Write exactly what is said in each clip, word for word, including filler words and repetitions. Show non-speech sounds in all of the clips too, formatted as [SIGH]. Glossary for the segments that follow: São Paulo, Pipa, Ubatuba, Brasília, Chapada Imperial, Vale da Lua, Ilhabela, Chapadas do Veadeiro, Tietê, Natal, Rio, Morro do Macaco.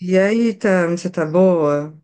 E aí, Tami, você tá boa?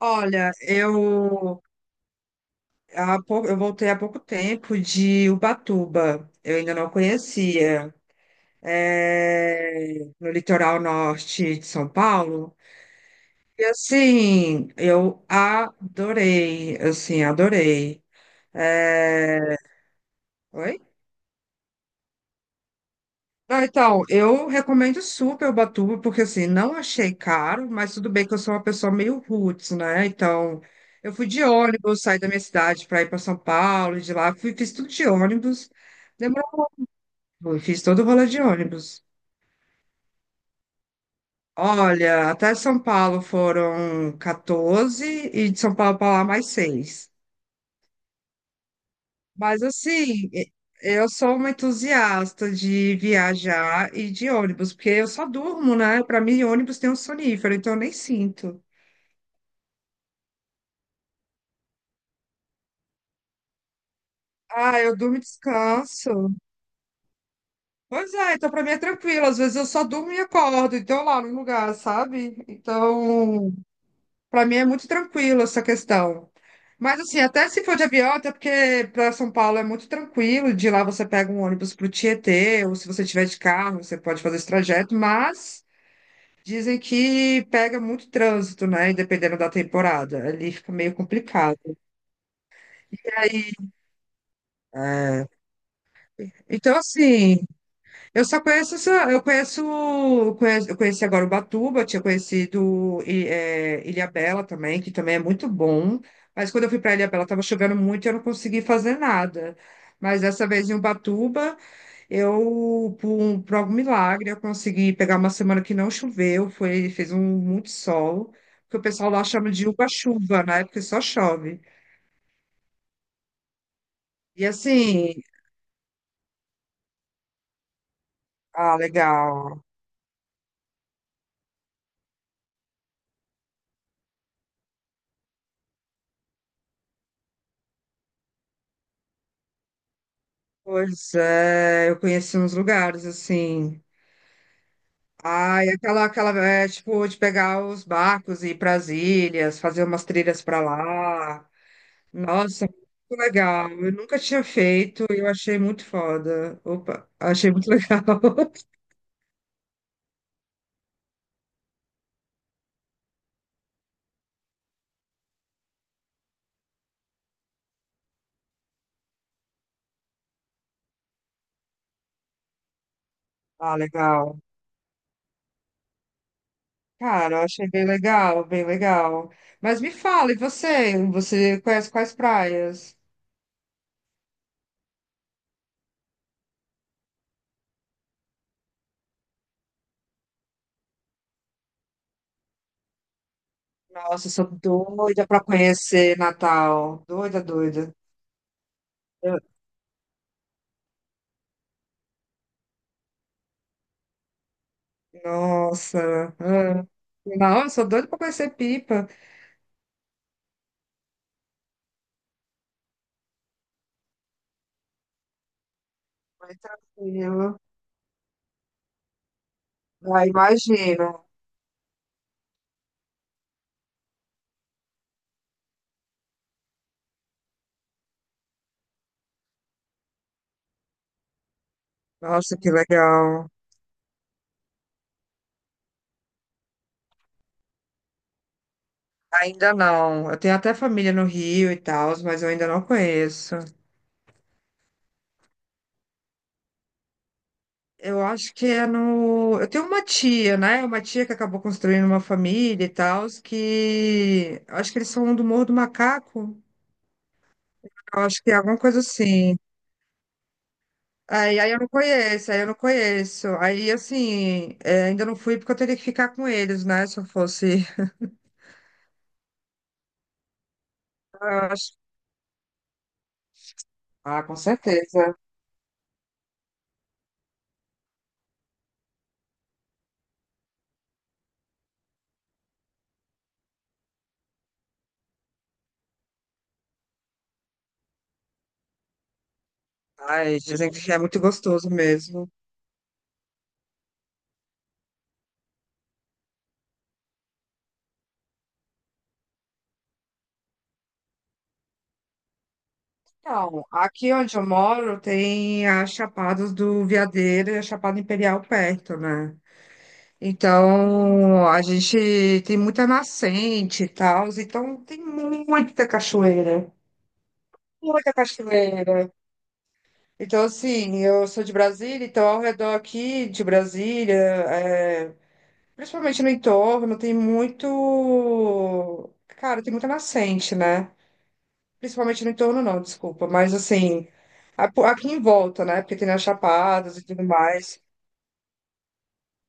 Olha, eu, há pou- eu voltei há pouco tempo de Ubatuba, eu ainda não conhecia, é, no litoral norte de São Paulo. E assim, eu adorei, assim, adorei. É. Oi? Ah, então, eu recomendo super Ubatuba, porque assim, não achei caro, mas tudo bem que eu sou uma pessoa meio roots, né? Então, eu fui de ônibus, saí da minha cidade para ir para São Paulo, e de lá, fui, fiz tudo de ônibus, demorou, fiz todo o rolê de ônibus. Olha, até São Paulo foram quatorze e de São Paulo para lá mais seis. Mas assim, e- eu sou uma entusiasta de viajar e de ônibus, porque eu só durmo, né? Para mim, ônibus tem um sonífero, então eu nem sinto. Ah, eu durmo e descanso. Pois é, então para mim é tranquilo. Às vezes eu só durmo e acordo, então lá no lugar, sabe? Então, para mim é muito tranquilo essa questão. Mas assim, até se for de avião, até porque para São Paulo é muito tranquilo, de lá você pega um ônibus para o Tietê, ou se você tiver de carro, você pode fazer esse trajeto, mas dizem que pega muito trânsito, né? E dependendo da temporada, ali fica meio complicado. É. Então, assim, eu só conheço, essa- eu conheço, eu conheço, eu conheci agora Ubatuba, tinha conhecido I- eh, Ilhabela também, que também é muito bom. Mas quando eu fui para Ilhabela estava chovendo muito e eu não consegui fazer nada. Mas dessa vez em Ubatuba, eu, por, um- por algum milagre, eu consegui pegar uma semana que não choveu, foi, fez um muito sol, que o pessoal lá chama de uba-chuva, né? Porque só chove. E assim, ah, legal. Pois é, eu conheci uns lugares assim. Ai, aquela, aquela, é, tipo, de pegar os barcos e ir para as ilhas, fazer umas trilhas para lá. Nossa, muito legal. Eu nunca tinha feito e eu achei muito foda. Opa, achei muito legal. [LAUGHS] Ah, legal. Cara, eu achei bem legal, bem legal. Mas me fala, e você? Você conhece quais praias? Nossa, eu sou doida para conhecer Natal. Doida, doida. Eu- Nossa. Ah. Não, eu sou doida para conhecer Pipa. Mais tranquilo. Ah, imagino. Nossa, que legal. Ainda não. Eu tenho até família no Rio e tal, mas eu ainda não conheço. Eu acho que é no. Eu tenho uma tia, né? Uma tia que acabou construindo uma família e tal, que. Acho que eles são do Morro do Macaco. Eu acho que é alguma coisa assim. Aí, aí eu não conheço, aí eu não conheço. Aí, assim, é, ainda não fui porque eu teria que ficar com eles, né? Se eu fosse. Eu acho- Ah, com certeza. Ai, dizem que é muito gostoso mesmo. Então, aqui onde eu moro tem as Chapadas do Veadeiro e a Chapada Imperial perto, né? Então, a gente tem muita nascente e tal, então tem muita cachoeira, muita cachoeira. Então, assim, eu sou de Brasília, então ao redor aqui de Brasília, é, principalmente no entorno, tem muito. Cara, tem muita nascente, né? Principalmente no entorno, não, desculpa. Mas assim, a- po- aqui em volta, né? Porque tem as chapadas e tudo mais.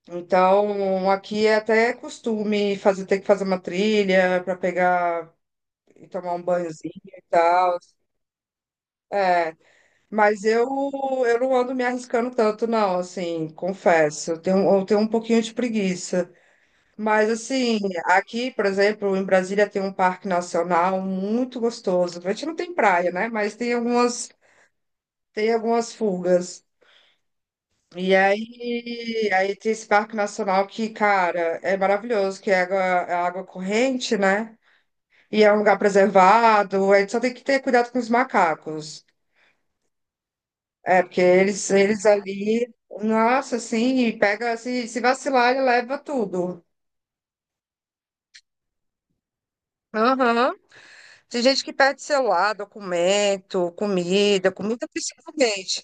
Então, aqui é até costume fazer, ter que fazer uma trilha para pegar e tomar um banhozinho e tal. É, mas eu, eu não ando me arriscando tanto, não, assim, confesso. Eu tenho, eu tenho um pouquinho de preguiça. Mas, assim, aqui, por exemplo, em Brasília tem um parque nacional muito gostoso. A gente não tem praia, né? Mas tem algumas, tem algumas fugas. E aí, aí tem esse parque nacional que, cara, é maravilhoso, que é água, é água corrente, né? E é um lugar preservado, a gente só tem que ter cuidado com os macacos. É, porque eles, eles ali, nossa, assim, e pega, se, se vacilar, ele leva tudo. Aham. Tem gente que perde celular, documento, comida, comida principalmente.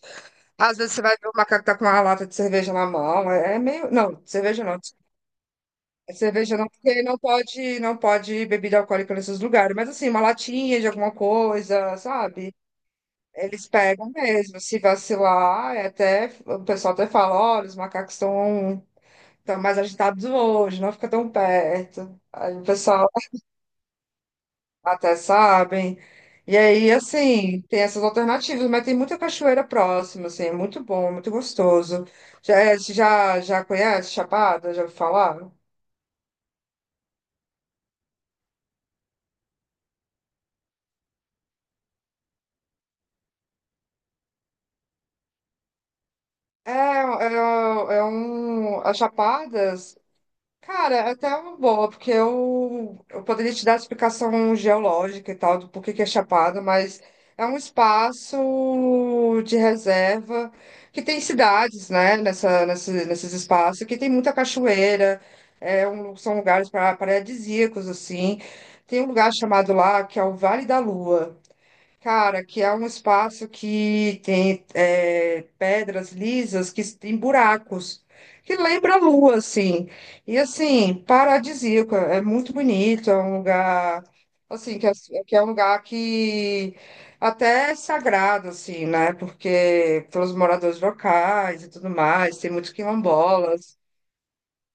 Às vezes você vai ver o macaco tá com uma lata de cerveja na mão, é meio... Não, cerveja não, cerveja não, porque não pode, não pode bebida alcoólica nesses lugares. Mas assim, uma latinha de alguma coisa, sabe? Eles pegam mesmo. Se vacilar, é até, o pessoal até fala, olha, os macacos estão estão mais agitados hoje, não fica tão perto. Aí o pessoal até sabem. E aí, assim, tem essas alternativas, mas tem muita cachoeira próxima, assim, é muito bom, muito gostoso. Já, já, já conhece Chapada? Já ouviu falar? É, é, é um. As Chapadas, cara, é até uma boa, porque eu, eu poderia te dar a explicação geológica e tal, do porquê que é Chapada, mas é um espaço de reserva que tem cidades, né, nessa, nesse, nesses espaços, que tem muita cachoeira, é um, são lugares para paradisíacos, assim. Tem um lugar chamado lá que é o Vale da Lua. Cara, que é um espaço que tem é, pedras lisas que tem buracos, que lembra a lua, assim. E assim, paradisíaco, é muito bonito, é um lugar, assim, que é, que é um lugar que até é sagrado, assim, né? Porque pelos moradores locais e tudo mais, tem muitos quilombolas.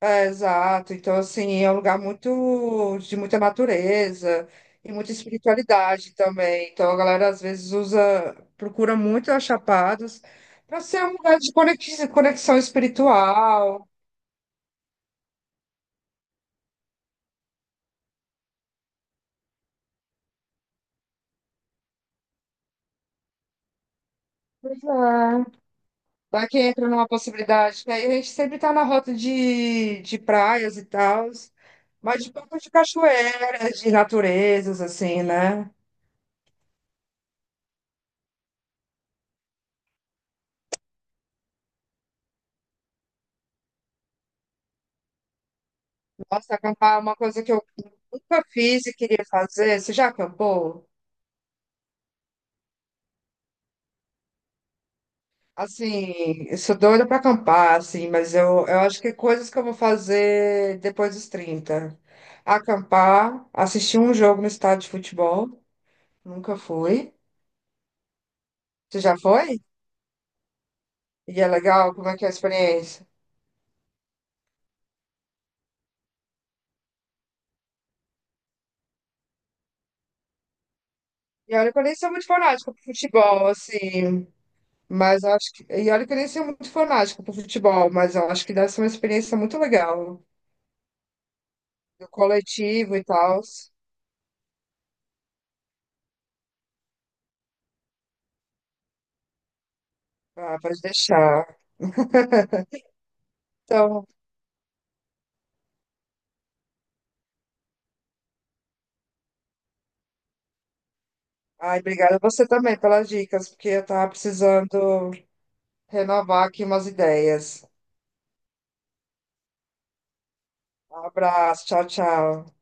Exato. Então, assim, é um lugar muito de muita natureza e muita espiritualidade também. Então, a galera às vezes usa, procura muito as Chapadas para ser um lugar de conex- conexão espiritual. Pois é. Vai que entra numa possibilidade, que aí a gente sempre tá na rota de, de praias e tal, mas de pouco de cachoeiras, de naturezas, assim, né? Nossa, acampar é uma coisa que eu nunca fiz e queria fazer. Você já acampou? Assim, eu sou doida pra acampar, assim, mas eu, eu acho que coisas que eu vou fazer depois dos trinta, acampar, assistir um jogo no estádio de futebol, nunca fui. Você já foi? E é legal, como é que é a experiência? E olha que eu nem sou muito fanática pro futebol, assim, mas eu acho que... E olha que eu nem sou muito fanática pro futebol, mas eu acho que deve ser uma experiência muito legal, do coletivo e tal. Ah, pode deixar. Então, ai, obrigada você também pelas dicas, porque eu tava precisando renovar aqui umas ideias. Um abraço, tchau, tchau.